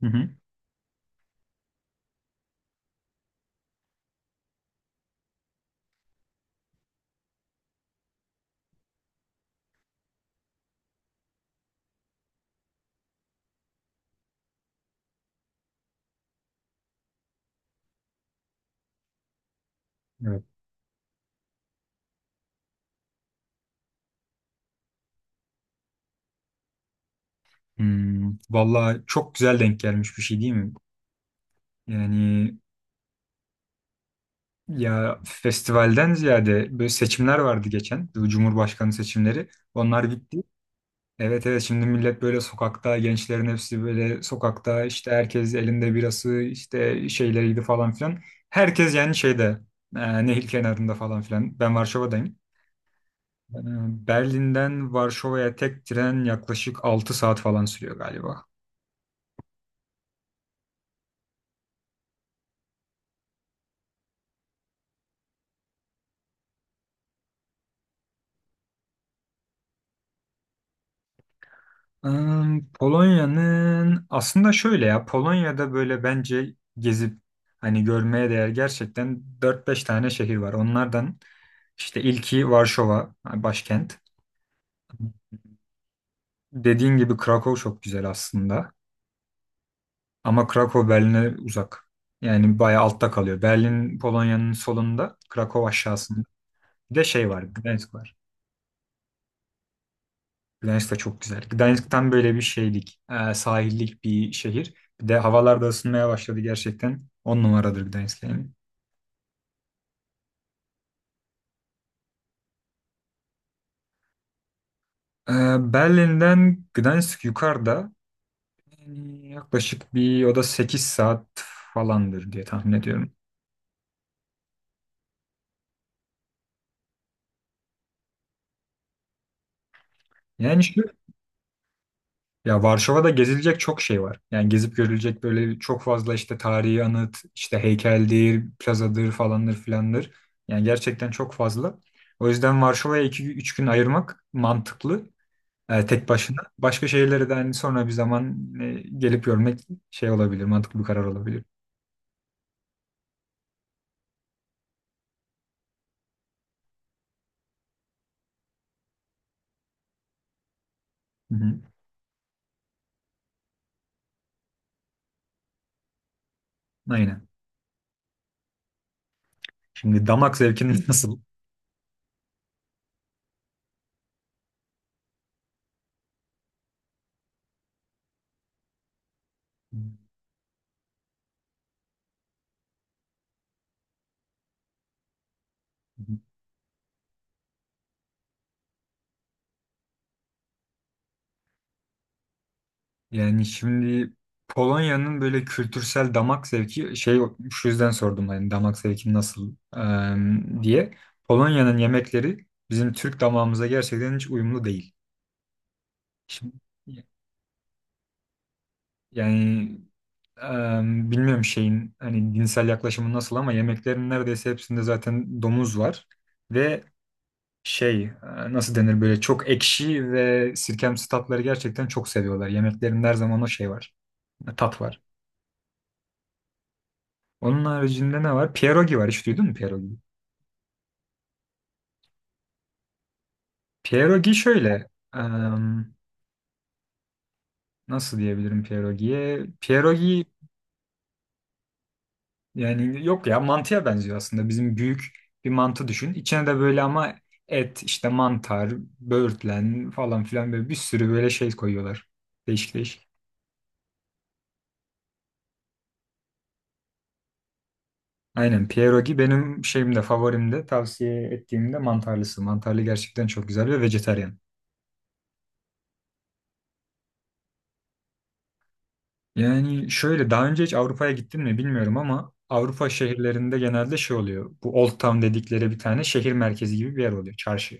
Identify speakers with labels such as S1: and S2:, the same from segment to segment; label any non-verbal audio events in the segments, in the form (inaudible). S1: Hı hı. Evet. Vallahi çok güzel denk gelmiş bir şey değil mi? Yani ya festivalden ziyade böyle seçimler vardı geçen. Bu Cumhurbaşkanı seçimleri. Onlar bitti. Evet evet şimdi millet böyle sokakta gençlerin hepsi böyle sokakta işte herkes elinde birası işte şeyleriydi falan filan. Herkes yani şeyde nehir kenarında falan filan. Ben Varşova'dayım. E, Berlin'den Varşova'ya tek tren yaklaşık 6 saat falan sürüyor galiba. Polonya'nın aslında şöyle ya Polonya'da böyle bence gezip hani görmeye değer gerçekten dört beş tane şehir var. Onlardan işte ilki Varşova hani başkent. Dediğin gibi Krakow çok güzel aslında ama Krakow Berlin'e uzak. Yani bayağı altta kalıyor. Berlin Polonya'nın solunda, Krakow aşağısında. Bir de şey var, Gdansk var. Gdansk da çok güzel. Gdansk tam böyle bir şeylik, sahillik bir şehir. Bir de havalar da ısınmaya başladı gerçekten. On numaradır Gdansk yani. E, Berlin'den Gdansk yukarıda yani yaklaşık bir o da 8 saat falandır diye tahmin ediyorum. Yani şu ya Varşova'da gezilecek çok şey var. Yani gezip görülecek böyle çok fazla işte tarihi anıt, işte heykeldir, plazadır falandır filandır. Yani gerçekten çok fazla. O yüzden Varşova'ya 2 üç gün ayırmak mantıklı. Tek başına. Başka şehirlere de hani sonra bir zaman gelip görmek şey olabilir, mantıklı bir karar olabilir. Hı hı. Aynen. Şimdi damak zevkinin nasıl? Hı hı. Yani şimdi Polonya'nın böyle kültürsel damak zevki şey şu yüzden sordum hani damak zevki nasıl diye. Polonya'nın yemekleri bizim Türk damağımıza gerçekten hiç uyumlu değil. Şimdi yani bilmiyorum şeyin hani dinsel yaklaşımı nasıl ama yemeklerin neredeyse hepsinde zaten domuz var. Ve şey nasıl denir böyle çok ekşi ve sirkemsi tatları gerçekten çok seviyorlar. Yemeklerin her zaman o şey var. Tat var. Onun haricinde ne var? Pierogi var. Hiç duydun mu pierogi? Pierogi şöyle em, nasıl diyebilirim pierogiye? Pierogi yani yok ya mantıya benziyor aslında. Bizim büyük bir mantı düşün. İçine de böyle ama et, işte mantar, böğürtlen falan filan böyle bir sürü böyle şey koyuyorlar. Değişik değişik. Aynen pierogi benim şeyimde favorimde tavsiye ettiğimde mantarlısı. Mantarlı gerçekten çok güzel ve vejetaryen. Yani şöyle daha önce hiç Avrupa'ya gittin mi bilmiyorum ama Avrupa şehirlerinde genelde şey oluyor. Bu Old Town dedikleri bir tane şehir merkezi gibi bir yer oluyor. Çarşı.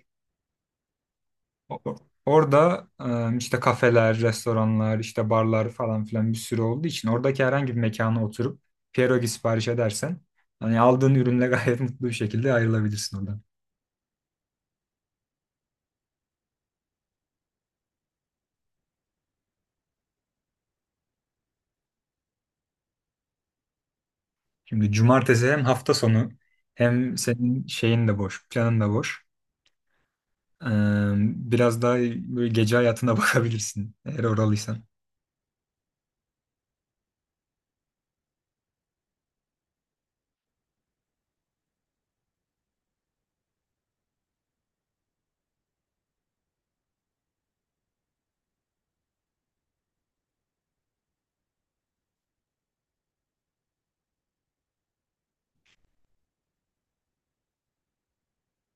S1: O- Orada işte kafeler, restoranlar, işte barlar falan filan bir sürü olduğu için oradaki herhangi bir mekana oturup pierogi sipariş edersen hani aldığın ürünle (laughs) gayet mutlu bir şekilde ayrılabilirsin oradan. Şimdi cumartesi hem hafta sonu hem senin şeyin de boş, planın da boş. E, Biraz daha böyle gece hayatına (laughs) bakabilirsin eğer oralıysan.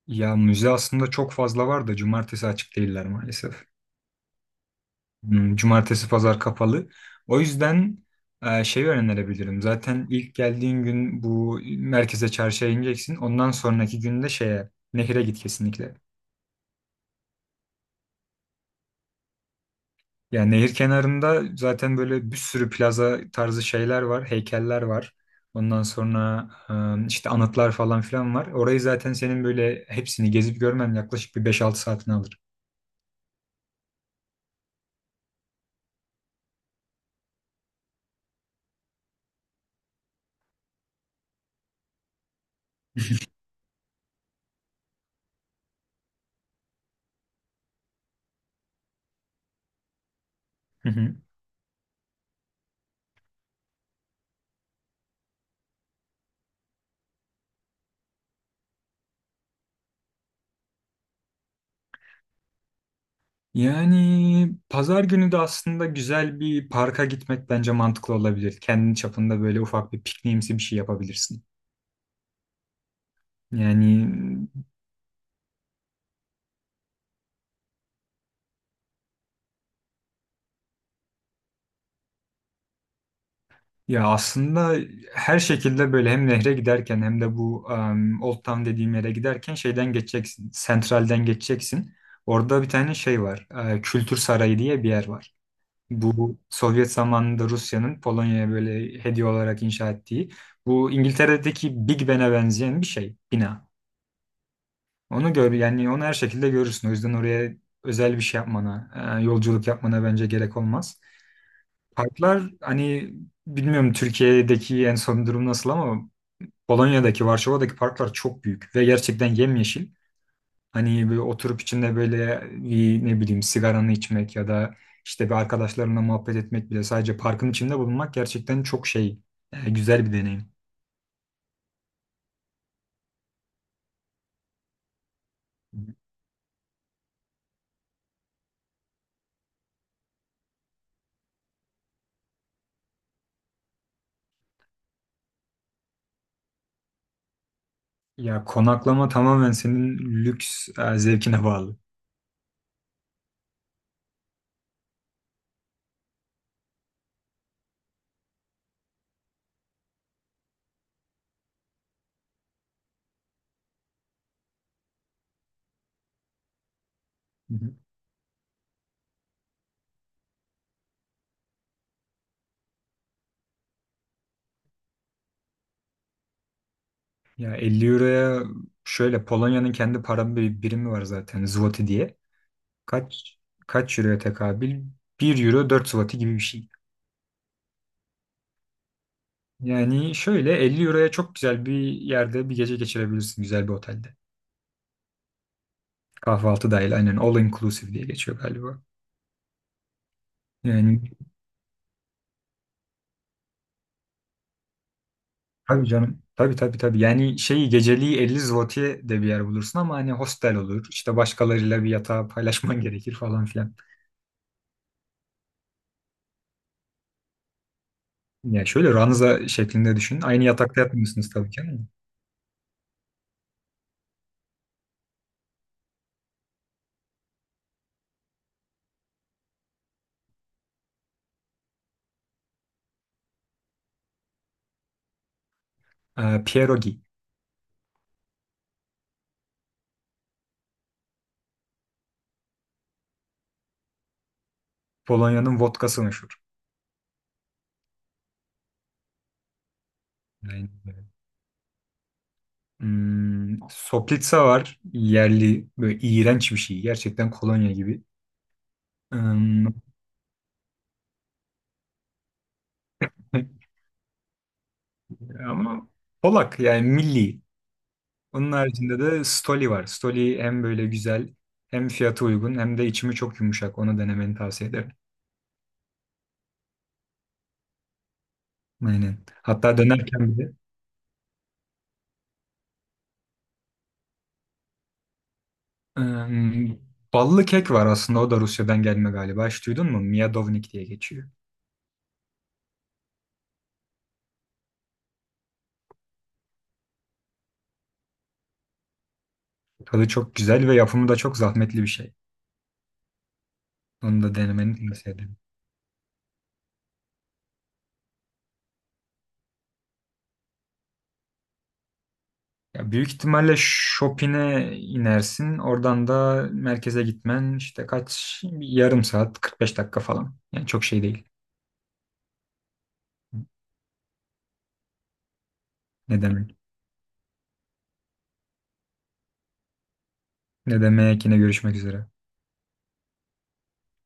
S1: Ya müze aslında çok fazla var da cumartesi açık değiller maalesef. Cumartesi pazar kapalı. O yüzden şey önerebilirim. Zaten ilk geldiğin gün bu merkeze çarşıya ineceksin. Ondan sonraki günde şeye nehire git kesinlikle. Yani nehir kenarında zaten böyle bir sürü plaza tarzı şeyler var, heykeller var. Ondan sonra işte anıtlar falan filan var. Orayı zaten senin böyle hepsini gezip görmen yaklaşık bir beş altı saatini alır. (laughs) Yani pazar günü de aslında güzel bir parka gitmek bence mantıklı olabilir. Kendi çapında böyle ufak bir pikniğimsi bir şey yapabilirsin. Yani ya aslında her şekilde böyle hem nehre giderken hem de bu Old Town dediğim yere giderken şeyden geçeceksin. Sentralden geçeceksin. Orada bir tane şey var. Kültür Sarayı diye bir yer var. Bu Sovyet zamanında Rusya'nın Polonya'ya böyle hediye olarak inşa ettiği. Bu İngiltere'deki Big Ben'e benzeyen bir şey, bina. Onu gör yani onu her şekilde görürsün. O yüzden oraya özel bir şey yapmana, yolculuk yapmana bence gerek olmaz. Parklar hani bilmiyorum Türkiye'deki en son durum nasıl ama Polonya'daki, Varşova'daki parklar çok büyük ve gerçekten yemyeşil. Hani böyle oturup içinde böyle bir ne bileyim sigaranı içmek ya da işte bir arkadaşlarına muhabbet etmek bile sadece parkın içinde bulunmak gerçekten çok şey güzel bir deneyim. Ya konaklama tamamen senin lüks zevkine bağlı. Ya 50 euroya şöyle Polonya'nın kendi para birimi var zaten zloty diye. Kaç kaç euroya tekabül? Bir euro 4 zloty gibi bir şey. Yani şöyle 50 euroya çok güzel bir yerde bir gece geçirebilirsin güzel bir otelde. Kahvaltı dahil aynen all inclusive diye geçiyor galiba. Yani tabii canım. Tabii tabii tabii. Yani şeyi geceliği 50 zloty'ye de bir yer bulursun ama hani hostel olur. İşte başkalarıyla bir yatağı paylaşman (laughs) gerekir falan filan. Yani şöyle ranza şeklinde düşün. Aynı yatakta yatmıyorsunuz tabii ki. Pierogi. Polonya'nın vodkası meşhur. Aynen. Öyle. Soplica var. Yerli. Böyle iğrenç bir şey. Gerçekten kolonya gibi. Hmm, (laughs) Ama Polak yani milli. Onun haricinde de Stoli var. Stoli hem böyle güzel hem fiyatı uygun hem de içimi çok yumuşak. Onu denemeni tavsiye ederim. Aynen. Hatta dönerken bile hmm, ballı kek var aslında. O da Rusya'dan gelme galiba. Hiç duydun mu? Miyadovnik diye geçiyor. Tadı çok güzel ve yapımı da çok zahmetli bir şey. Onu da denemeni tavsiye ederim. Ya büyük ihtimalle Shopping'e inersin. Oradan da merkeze gitmen işte kaç bir yarım saat 45 dakika falan. Yani çok şey değil. Ne demek? Ne demek yine görüşmek üzere.